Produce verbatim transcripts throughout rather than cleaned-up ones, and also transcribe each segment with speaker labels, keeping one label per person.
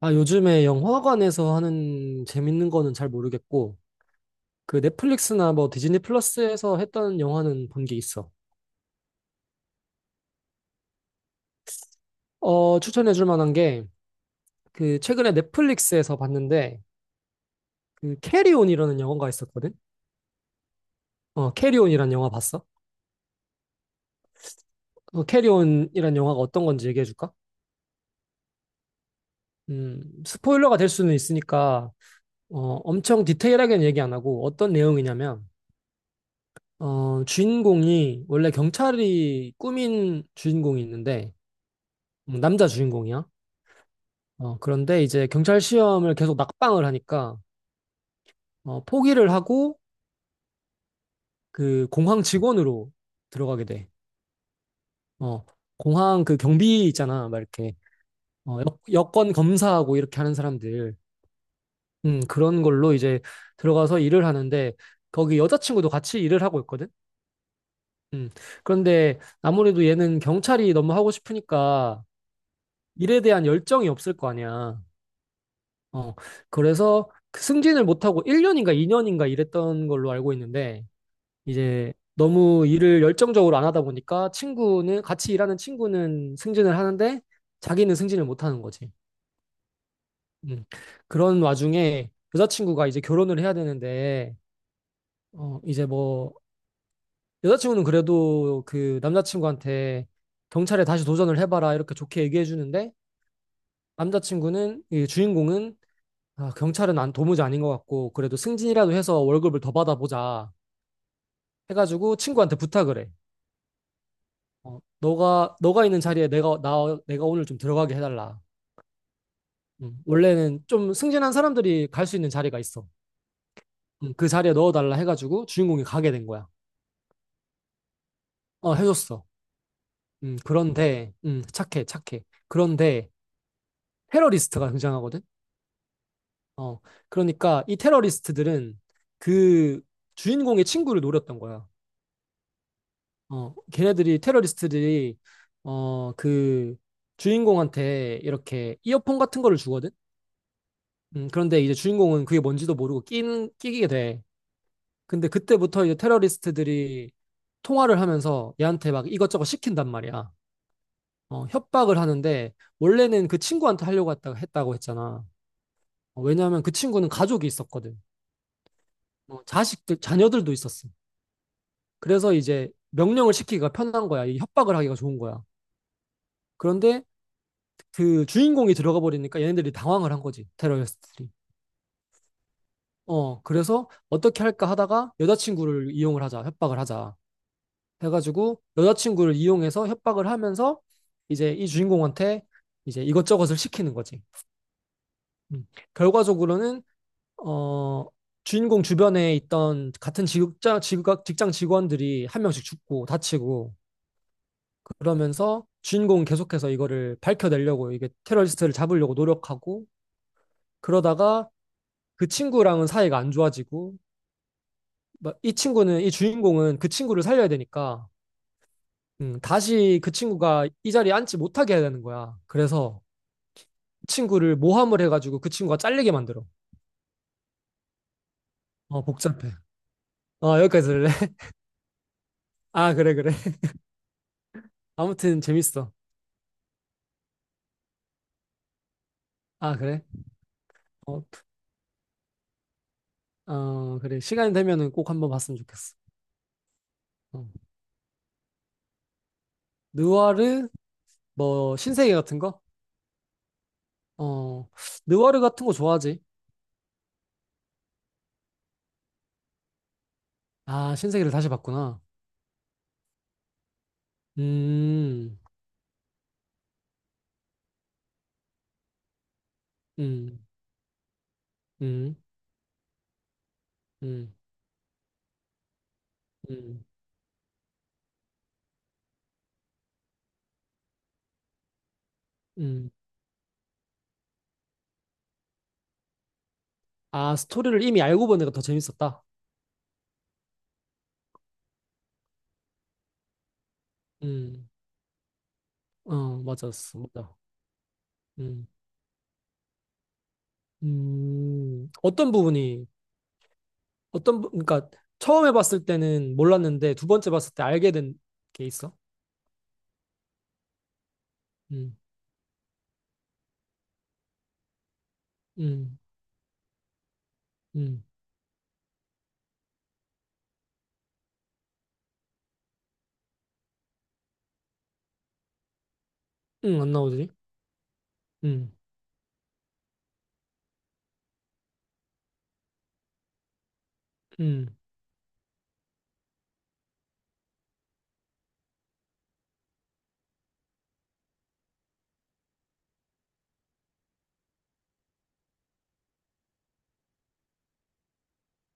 Speaker 1: 아, 요즘에 영화관에서 하는 재밌는 거는 잘 모르겠고, 그 넷플릭스나 뭐 디즈니 플러스에서 했던 영화는 본 게 있어. 어, 추천해 줄 만한 게, 그 최근에 넷플릭스에서 봤는데, 그 캐리온이라는 영화가 있었거든? 어, 캐리온이란 영화 봤어? 어, 캐리온이란 영화가 어떤 건지 얘기해 줄까? 음, 스포일러가 될 수는 있으니까, 어, 엄청 디테일하게는 얘기 안 하고, 어떤 내용이냐면, 어, 주인공이 원래 경찰이 꾸민 주인공이 있는데, 음, 남자 주인공이야. 어, 그런데 이제 경찰 시험을 계속 낙방을 하니까 어, 포기를 하고 그 공항 직원으로 들어가게 돼. 어, 공항 그 경비 있잖아, 막 이렇게 어, 여, 여권 검사하고 이렇게 하는 사람들, 음, 그런 걸로 이제 들어가서 일을 하는데 거기 여자친구도 같이 일을 하고 있거든. 음, 그런데 아무래도 얘는 경찰이 너무 하고 싶으니까 일에 대한 열정이 없을 거 아니야. 어, 그래서 그 승진을 못하고 일 년인가 이 년인가 일했던 걸로 알고 있는데. 이제 너무 일을 열정적으로 안 하다 보니까 친구는 같이 일하는 친구는 승진을 하는데 자기는 승진을 못 하는 거지. 음. 그런 와중에 여자친구가 이제 결혼을 해야 되는데 어 이제 뭐 여자친구는 그래도 그 남자친구한테 경찰에 다시 도전을 해봐라 이렇게 좋게 얘기해 주는데 남자친구는 이 주인공은 아, 경찰은 안 도무지 아닌 것 같고 그래도 승진이라도 해서 월급을 더 받아보자 해가지고 친구한테 부탁을 해. 어, 너가 너가 있는 자리에 내가 나 내가 오늘 좀 들어가게 해달라. 음, 원래는 좀 승진한 사람들이 갈 수 있는 자리가 있어. 음, 그 자리에 넣어달라 해가지고 주인공이 가게 된 거야. 어, 해줬어. 음, 그런데 음, 착해 착해. 그런데 테러리스트가 등장하거든. 어, 그러니까 이 테러리스트들은 그 주인공의 친구를 노렸던 거야. 어, 걔네들이 테러리스트들이 어, 그 주인공한테 이렇게 이어폰 같은 거를 주거든. 음, 그런데 이제 주인공은 그게 뭔지도 모르고 낀, 끼게 돼. 근데 그때부터 이제 테러리스트들이 통화를 하면서 얘한테 막 이것저것 시킨단 말이야. 어, 협박을 하는데 원래는 그 친구한테 하려고 했다, 했다고 했잖아. 어, 왜냐하면 그 친구는 가족이 있었거든. 어, 자식들, 자녀들도 있었어. 그래서 이제 명령을 시키기가 편한 거야. 이 협박을 하기가 좋은 거야. 그런데 그 주인공이 들어가 버리니까 얘네들이 당황을 한 거지. 테러리스트들이. 어, 그래서 어떻게 할까 하다가 여자친구를 이용을 하자, 협박을 하자. 해가지고 여자친구를 이용해서 협박을 하면서 이제 이 주인공한테 이제 이것저것을 시키는 거지. 음. 결과적으로는 어 주인공 주변에 있던 같은 직장 직각- 직장 직원들이 한 명씩 죽고 다치고 그러면서 주인공은 계속해서 이거를 밝혀내려고 이게 테러리스트를 잡으려고 노력하고 그러다가 그 친구랑은 사이가 안 좋아지고 막이 친구는 이 주인공은 그 친구를 살려야 되니까 음, 다시 그 친구가 이 자리에 앉지 못하게 해야 되는 거야. 그래서 친구를 모함을 해가지고 그 친구가 잘리게 만들어. 어, 복잡해. 어, 여기까지 들래? 아, 그래, 그래. 아무튼 재밌어. 아, 그래? 어, 어, 그래. 시간이 되면은 꼭 한번 봤으면 좋겠어. 어. 느와르, 뭐, 신세계 같은 거? 어, 느와르 같은 거 좋아하지? 아, 신세계를 다시 봤구나. 음, 음, 음, 음, 음, 음. 아, 스토리를 이미 알고 보니까 더 재밌었다. 음, 어, 맞았어. 맞아. 음, 음, 어떤 부분이 어떤 부- 그러니까 처음에 봤을 때는 몰랐는데 두 번째 봤을 때 알게 된 게 있어? 음, 음, 음, 음, 안 나오지? 음, 음.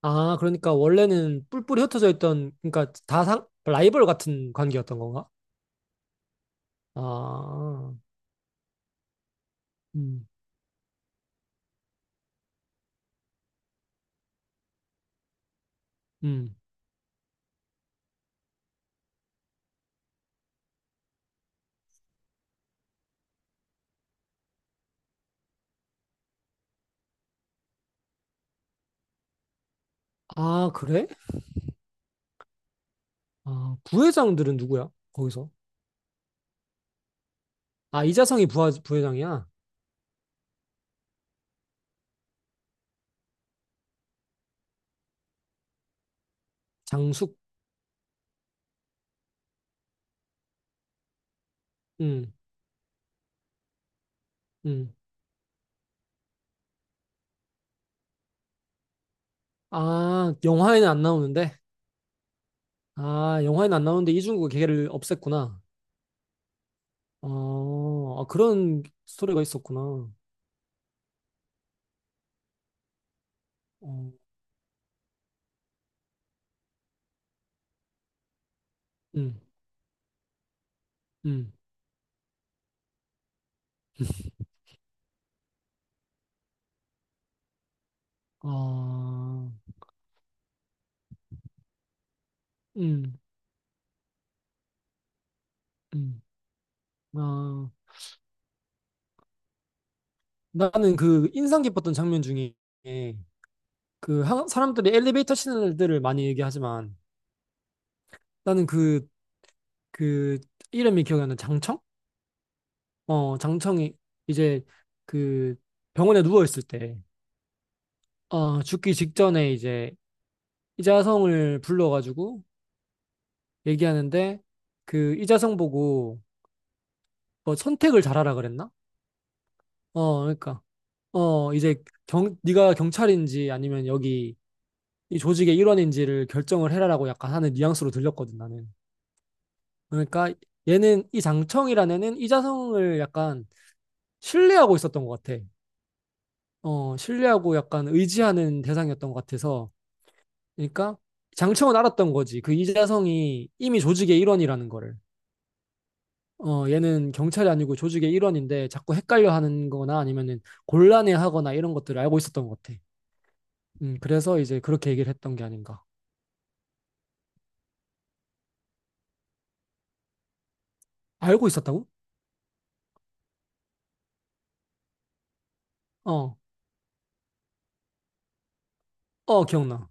Speaker 1: 아, 그러니까 원래는 뿔뿔이 흩어져 있던 그러니까 다 상, 라이벌 같은 관계였던 건가? 아, 음, 음. 아, 그래? 아, 부회장들은 누구야? 거기서? 아, 이자성이 부하, 부회장이야? 장숙, 음, 음. 아, 영화에는 안 나오는데? 아, 영화에는 안 나오는데 이중국 걔를 없앴구나. 아, 아, 그런 스토리가 있었구나. 어, 음, 음, 아, 음, 음, 아, 나는 그 인상 깊었던 장면 중에 그 하- 사람들이 엘리베이터 신들을 많이 얘기하지만 나는 그, 그 이름이 기억이 안 나. 장청? 어, 장청이 이제 그 병원에 누워있을 때, 어, 죽기 직전에 이제 이자성을 불러가지고 얘기하는데 그 이자성 보고 뭐 선택을 잘하라 그랬나? 어, 그러니까. 어, 이제 경, 네가 경찰인지 아니면 여기 이 조직의 일원인지를 결정을 해라라고 약간 하는 뉘앙스로 들렸거든, 나는. 그러니까 얘는 이 장청이라는 애는 이자성을 약간 신뢰하고 있었던 것 같아. 어, 신뢰하고 약간 의지하는 대상이었던 것 같아서. 그러니까 장청은 알았던 거지. 그 이자성이 이미 조직의 일원이라는 거를. 어, 얘는 경찰이 아니고 조직의 일원인데 자꾸 헷갈려 하는 거나 아니면은 곤란해 하거나 이런 것들을 알고 있었던 것 같아. 음, 그래서 이제 그렇게 얘기를 했던 게 아닌가. 알고 있었다고? 어, 어, 기억나.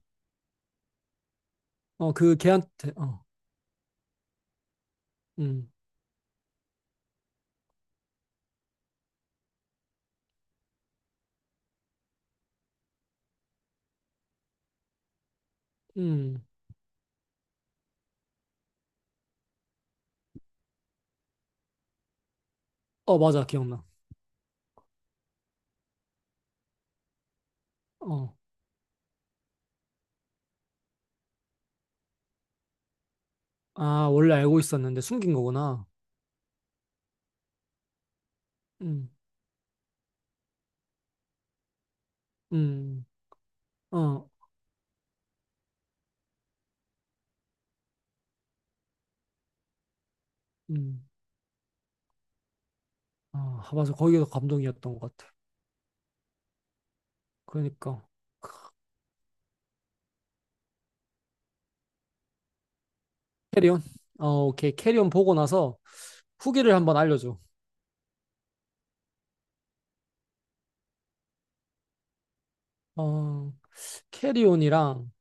Speaker 1: 어, 그 걔한테, 어, 음, 음, 어, 맞아, 기억나. 어, 아, 원래 알고 있었는데 숨긴 거구나. 음, 음, 어, 음, 아, 맞아. 거기가 감동이었던 것 같아. 그러니까. 캐리온? 어, 오케이. 캐리온 보고 나서 후기를 한번 알려줘. 어, 캐리온이랑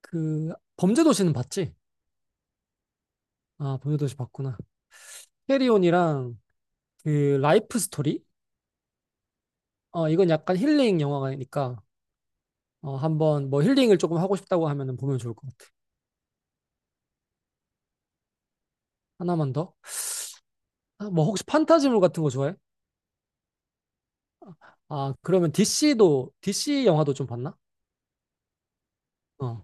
Speaker 1: 그, 범죄도시는 봤지? 아, 범죄도시 봤구나. 캐리온이랑 그, 라이프 스토리? 어, 이건 약간 힐링 영화니까, 어, 한번 뭐 힐링을 조금 하고 싶다고 하면은 보면 좋을 것 같아. 하나만 더. 아, 뭐 혹시 판타지물 같은 거 좋아해? 아, 그러면 디씨도, 디씨 영화도 좀 봤나? 어,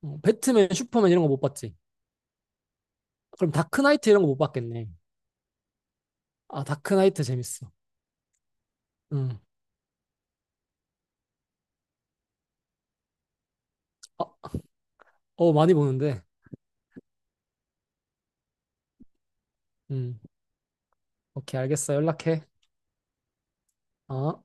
Speaker 1: 어, 배트맨, 슈퍼맨 이런 거 못 봤지? 그럼 다크나이트 이런 거 못 봤겠네. 아, 다크나이트 재밌어. 음. 어, 어, 많이 보는데. 음. 오케이, 알겠어. 연락해. 어.